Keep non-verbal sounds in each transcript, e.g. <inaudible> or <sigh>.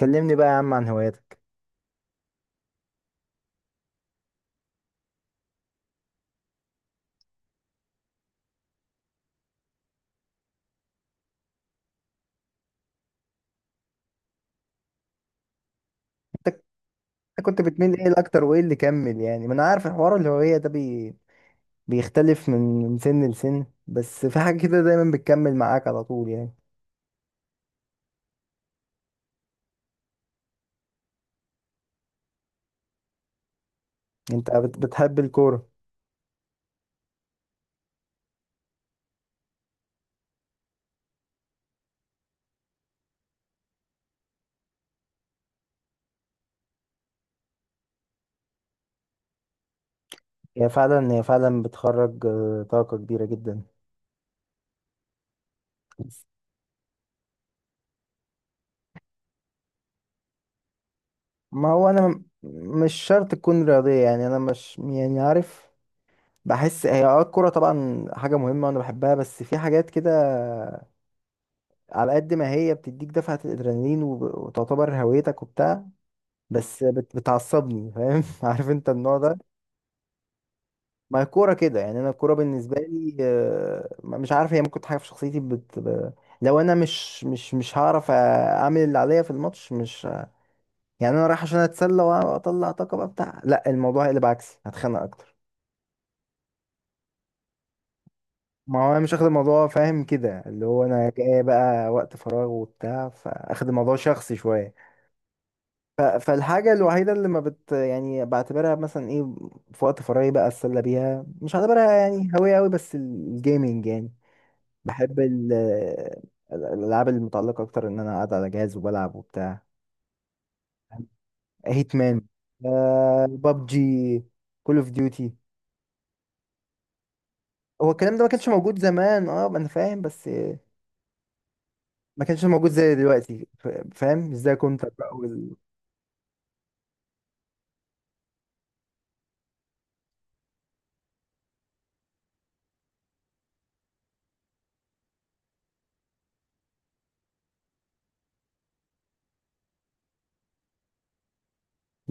كلمني بقى يا عم عن هواياتك. كنت بتميل ايه الاكتر وايه اللي كمل؟ يعني ما انا عارف الحوار الهوية ده بيختلف من سن لسن، بس في حاجة كده دايما بتكمل معاك على طول يعني. انت بتحب الكورة؟ هي فعلا بتخرج طاقة كبيرة جدا. ما هو انا مش شرط تكون رياضية، يعني انا مش يعني عارف. بحس هي الكورة طبعا حاجة مهمة وانا بحبها، بس في حاجات كده على قد ما هي بتديك دفعة الادرينالين وتعتبر هويتك وبتاع. بس بتعصبني، فاهم <laughs> عارف انت النوع ده. ما هي الكوره كده، يعني انا الكوره بالنسبه لي مش عارف، هي ممكن حاجه في شخصيتي لو انا مش هعرف اعمل اللي عليا في الماتش، مش يعني انا رايح عشان اتسلى واطلع طاقه بقى بتاع، لا الموضوع هيقلب عكسي هتخانق اكتر. ما هو انا مش اخد الموضوع فاهم كده، اللي هو انا جاي بقى وقت فراغ وبتاع فاخد الموضوع شخصي شويه. فالحاجة الوحيدة اللي ما يعني بعتبرها مثلا ايه في وقت فراغي بقى اتسلى بيها، مش هعتبرها يعني هواية قوي بس الجيمنج يعني. بحب الألعاب المتعلقة أكتر إن أنا قاعد على جهاز وبلعب وبتاع. هيتمان، بابجي، كول اوف ديوتي. هو الكلام ده ما كانش موجود زمان، ما انا فاهم، بس ما كانش موجود زي دلوقتي فاهم ازاي كنت بقى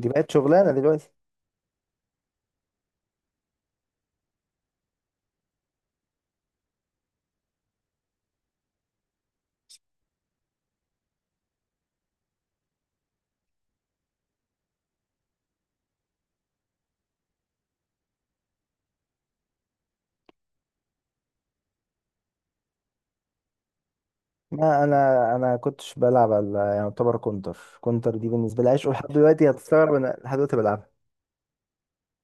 دي بقت شغلانة دلوقتي. ما انا كنتش بلعب على، يعني يعتبر كونتر، كونتر دي بالنسبه لي عشق لحد دلوقتي، هتستغرب انا لحد دلوقتي بلعبها.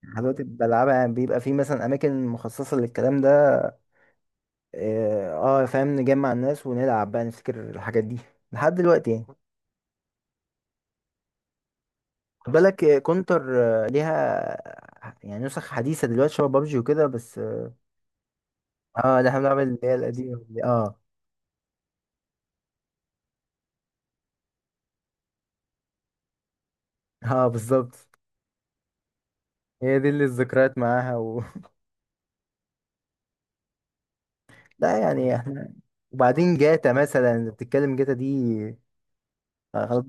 لحد دلوقتي بلعبها، يعني بيبقى في مثلا اماكن مخصصه للكلام ده. اه آه، فاهم نجمع الناس ونلعب بقى نفتكر الحاجات دي لحد دلوقتي يعني. خد بالك كونتر ليها يعني نسخ حديثه دلوقتي شبه بابجي وكده، بس اه آه، ده احنا بنلعب اللي هي القديمه دي. اه. اه بالظبط. هي دي اللي الذكريات معاها <laughs> لا يعني احنا وبعدين جاتا مثلا بتتكلم، جاتا دي خلاص.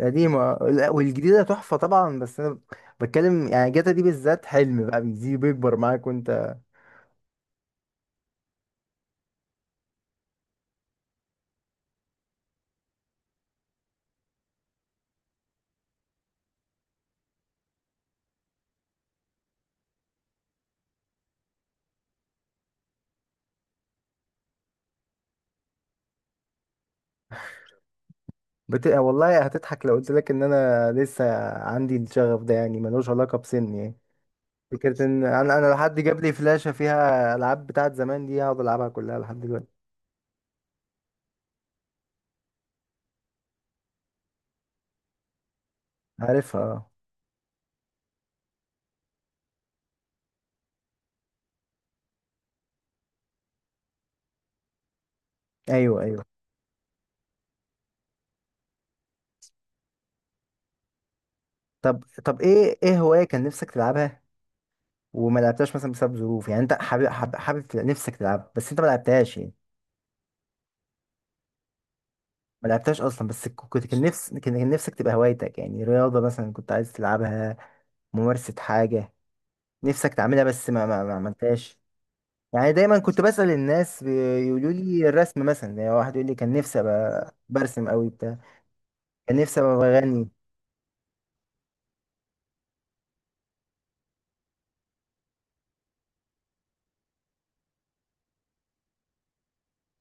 قديمة لا، والجديدة تحفة طبعا، بس أنا بتكلم يعني جاتا دي بالذات حلم بقى بيزيد بيكبر معاك وأنت والله هتضحك لو قلت لك إن أنا لسه عندي الشغف ده يعني، ملوش علاقة بسني يعني. فكرة إن أنا لو حد جاب لي فلاشة فيها ألعاب بتاعت زمان دي هقعد ألعبها كلها لحد دلوقتي. عارفها أه. أيوه أيوه. طب إيه هواية كان نفسك تلعبها وما لعبتهاش مثلا بسبب ظروف يعني، أنت حابب نفسك تلعبها بس أنت ما لعبتهاش يعني؟ ما لعبتهاش اصلا، بس كنت كان نفس كان كان نفسك تبقى هوايتك يعني، رياضه مثلا كنت عايز تلعبها، ممارسه حاجه نفسك تعملها بس ما عملتهاش. يعني دايما كنت بسأل الناس بيقولوا لي الرسم مثلا، يعني واحد يقول لي كان نفسي ابقى برسم قوي بتاع، كان نفسي ابقى بغني.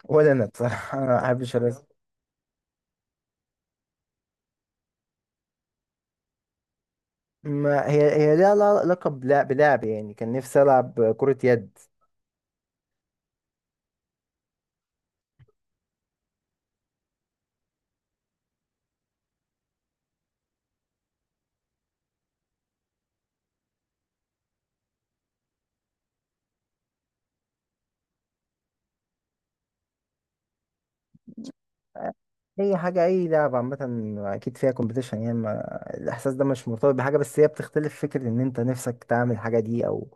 ولا انا بصراحه <laughs> ما بحبش الرسم. ما هي ليها علاقه بلعب يعني كان نفسي العب كره يد، اي حاجه اي لعبه عامه اكيد فيها كومبيتيشن، يعني ما الاحساس ده مش مرتبط بحاجه بس هي بتختلف، فكره ان انت نفسك تعمل الحاجه دي او.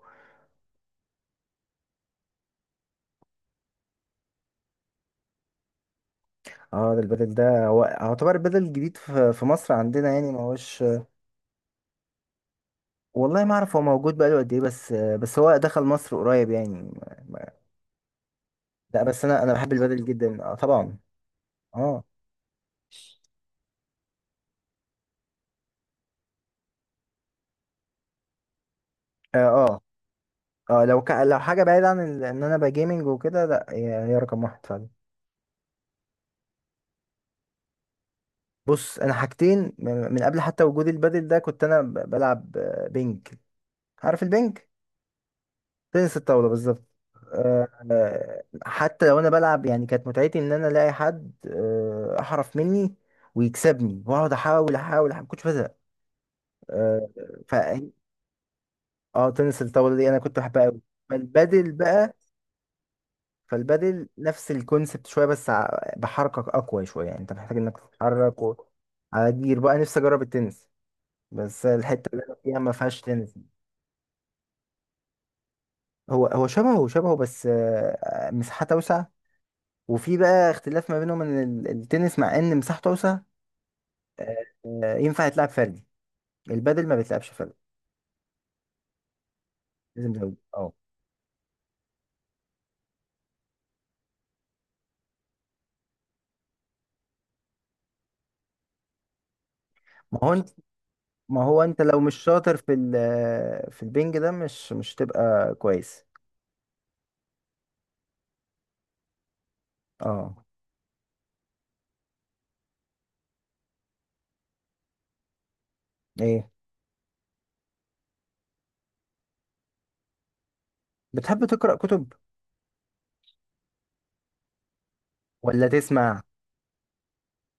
اه ده البدل ده هو يعتبر البدل الجديد في مصر عندنا يعني ما هوش. والله ما اعرف هو موجود بقاله قد ايه، بس هو دخل مصر قريب يعني. لا بس انا بحب البدل جدا طبعا. اه اه اه لو حاجه بعيده عن ان انا بجيمنج وكده، لا هي رقم واحد فعلا. بص انا حاجتين من قبل حتى وجود البادل ده، كنت انا بلعب بينج. عارف البينج؟ تنس الطاوله بالظبط. آه، آه، حتى لو انا بلعب يعني كانت متعتي ان انا الاقي حد احرف مني ويكسبني واقعد احاول احاول أحاول، ما كنتش بزهق. آه، ف اه تنس الطاوله دي انا كنت بحبها قوي. فالبادل بقى، فالبادل نفس الكونسبت شويه بس بحركك اقوى شويه، يعني انت محتاج انك تتحرك على جير بقى، نفسي اجرب التنس بس الحتة اللي انا فيها ما فيهاش تنس. هو شبهه شبهه بس مساحات اوسع، وفي بقى اختلاف ما بينهم ان التنس مع ان مساحته اوسع ينفع يتلعب فردي، البادل ما بيتلعبش فردي، لازم زوجي اه. ما هو انت ما هو انت لو مش شاطر في في البنج ده مش تبقى كويس. اه ايه. بتحب تقرأ كتب ولا تسمع؟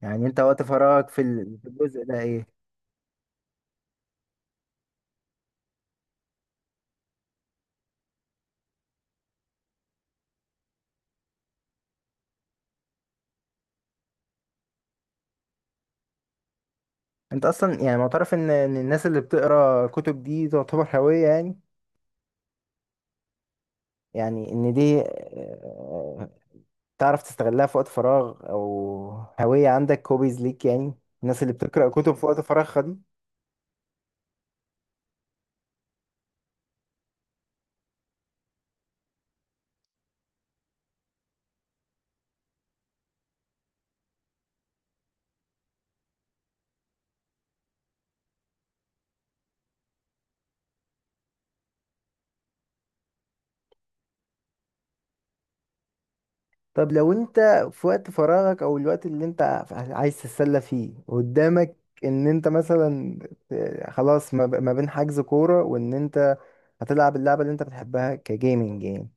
يعني انت وقت فراغك في الجزء ده ايه؟ انت اصلا يعني معترف ان الناس اللي بتقرأ كتب دي تعتبر هوية، يعني يعني ان دي تعرف تستغلها في وقت فراغ، او هوية عندك هوبيز ليك، يعني الناس اللي بتقرأ كتب في وقت فراغها دي؟ طب لو انت في وقت فراغك او الوقت اللي انت عايز تتسلى فيه قدامك، ان انت مثلا خلاص، ما بين حجز كورة وان انت هتلعب اللعبة اللي انت بتحبها كجيمنج يعني،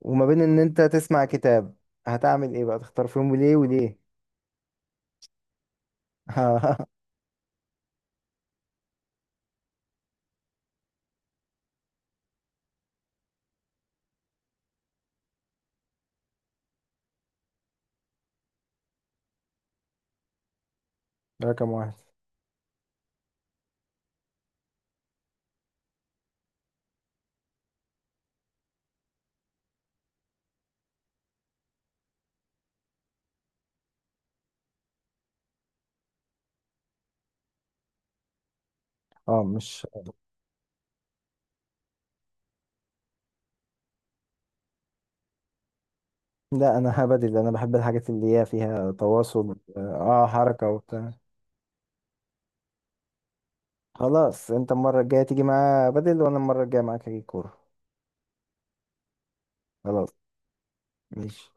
وما بين ان انت تسمع كتاب، هتعمل ايه بقى، تختار فيهم وليه وليه؟ <laughs> رقم واحد. اه مش لا انا هبدل، انا بحب الحاجات اللي هي فيها تواصل، حركة وبتاع. خلاص انت المرة الجاية تيجي معايا بدل، وانا المرة الجاية معاك هجيب كورة. خلاص. ماشي.